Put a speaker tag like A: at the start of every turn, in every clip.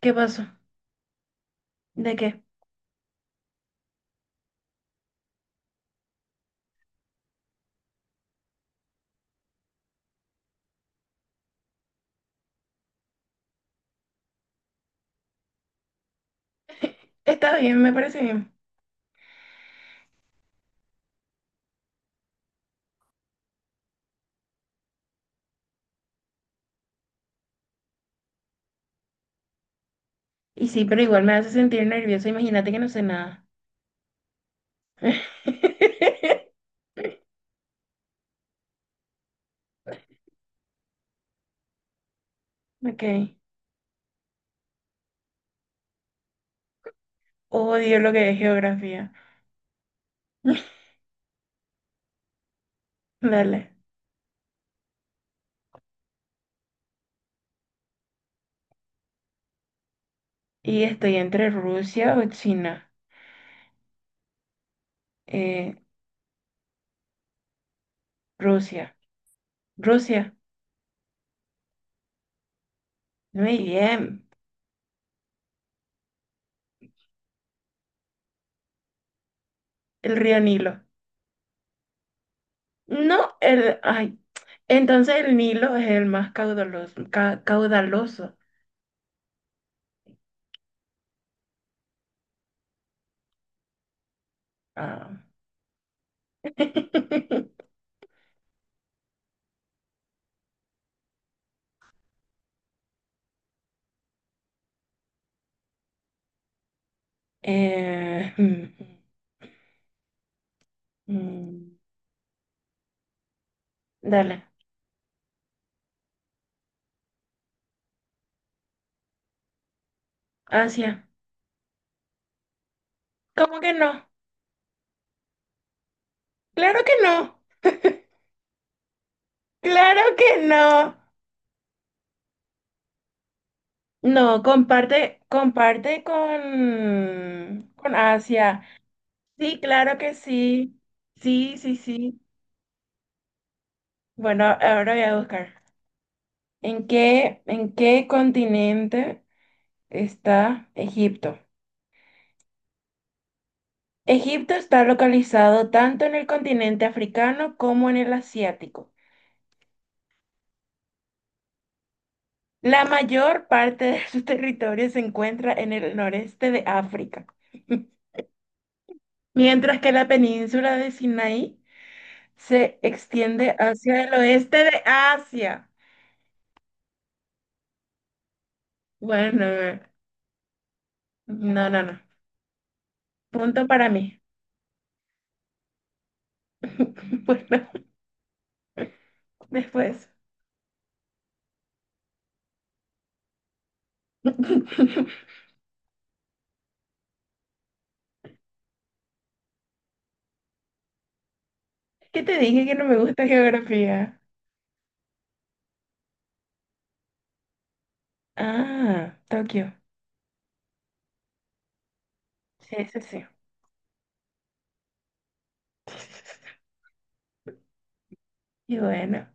A: ¿Qué pasó? ¿De qué? Está bien, me parece bien. Y sí, pero igual me hace sentir nerviosa. Imagínate que no sé nada. Ok. Odio lo que es geografía. Dale. Y estoy entre Rusia o China. Eh, Rusia. Rusia. Muy bien. El río Nilo. No, ay. Entonces el Nilo es el más caudaloso. Caudaloso. Ah. Eh, mm, mm, mm. Dale. Asia. ¿Cómo que no? Claro que no. Claro que no. No, comparte con Asia. Sí, claro que sí. Sí, sí, sí. Bueno, ahora voy a buscar. ¿En qué continente está Egipto? Egipto está localizado tanto en el continente africano como en el asiático. La mayor parte de su territorio se encuentra en el noreste de África. Mientras que la península de Sinaí se extiende hacia el oeste de Asia. Bueno, no, no, no. Punto para mí. Bueno, después. ¿Qué te dije que no me gusta geografía? Ah, Tokio. Sí, sí, sí. Y bueno,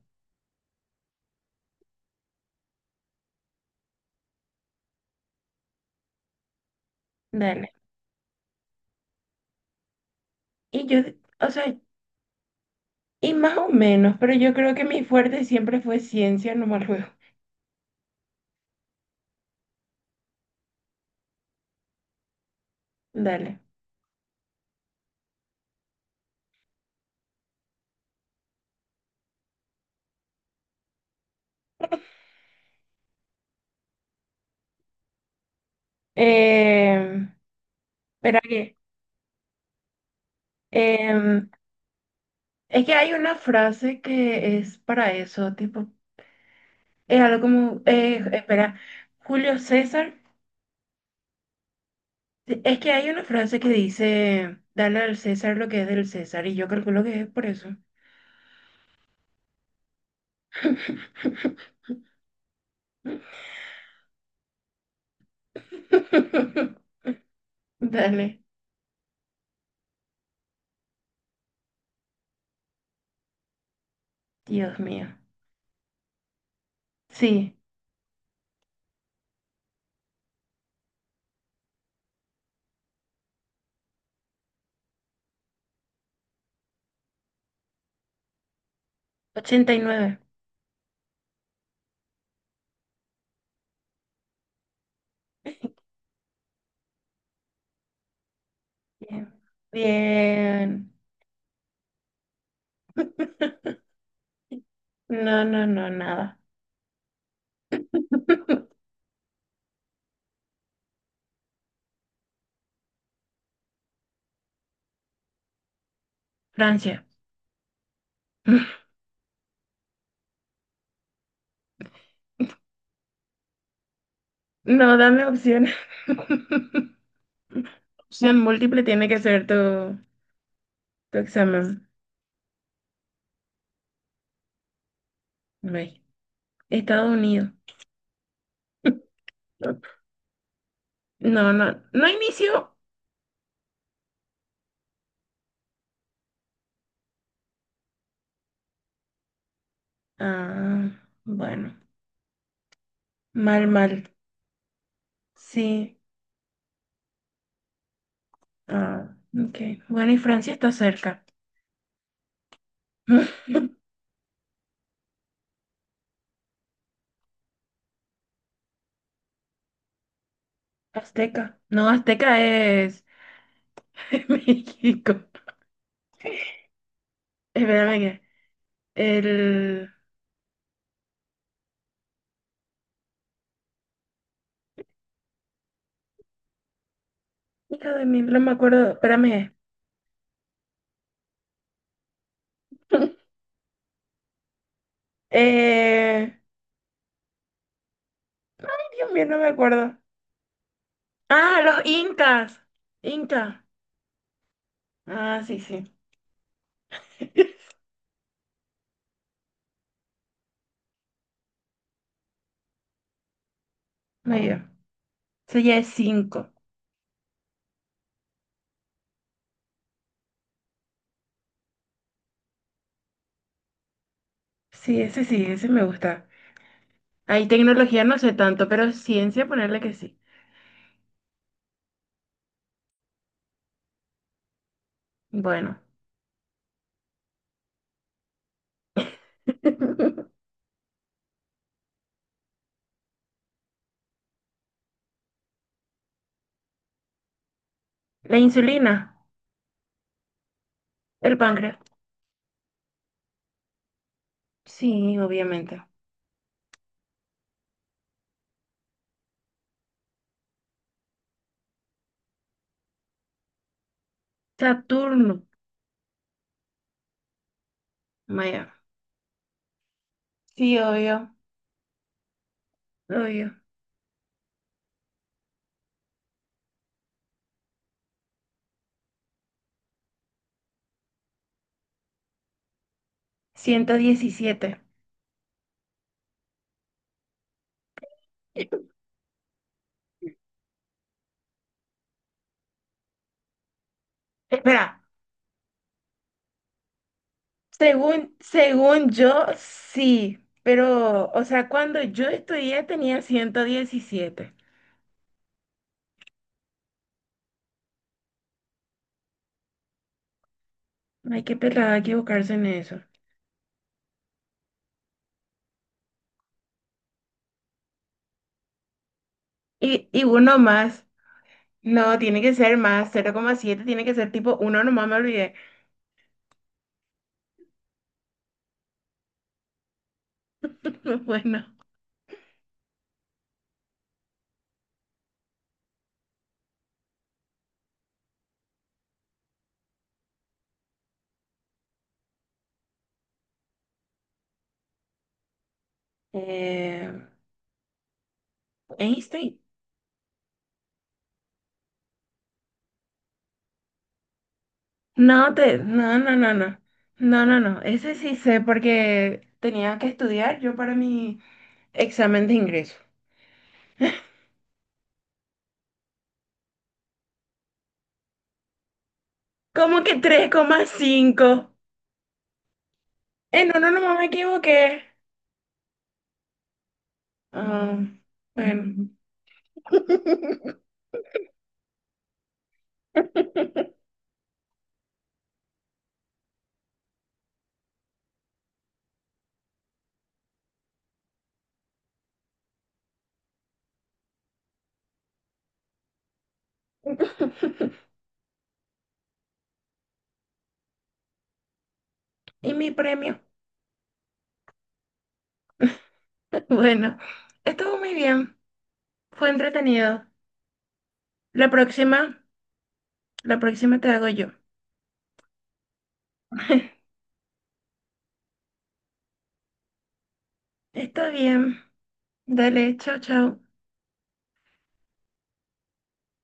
A: dale. Y yo, o sea, y más o menos, pero yo creo que mi fuerte siempre fue ciencia, no más luego. Dale. Eh, Espera que. em, Es que hay una frase que es para eso, tipo, es algo como, espera, Julio César, es que hay una frase que dice: dale al César lo que es del César, y yo calculo que es por eso. Dale. Dios mío. Sí, ochenta y nueve. Bien. Bien. No, no, no, nada. Francia. No, dame opciones. Opción múltiple tiene que ser tu tu examen. Ve. Estados Unidos. No, no, no inició. Ah, bueno. Mal, mal. Sí. Ah, ok. Bueno, y Francia está cerca. Azteca. No, Azteca es México. Espérame que. El. Hijo de mí, no me acuerdo. Espérame. Eh. Dios mío, no me acuerdo. Ah, los incas. Inca. Ah, sí, sí. Muy bien. Eso ya es cinco. Sí, ese me gusta. Ahí tecnología no sé tanto, pero ciencia ponerle que sí. Bueno, la insulina, el páncreas. Sí, obviamente. Saturno. Maya. Sí, obvio, obvio. 117. Espera, según yo, sí, pero, o sea, cuando yo estudié tenía 117. Ay, qué pelada equivocarse en eso. Y uno más. No, tiene que ser más, cero coma siete tiene que ser tipo 1, nomás me olvidé. Bueno, eh, Einstein. No, no, no, no, no. No, no, no. Ese sí sé porque tenía que estudiar yo para mi examen de ingreso. ¿Cómo que 3,5? No, no, no me equivoqué. Ah, bueno. ¿Y mi premio? Bueno, estuvo muy bien. Fue entretenido. La próxima, la próxima te hago yo. Está bien. Dale, chao, chao.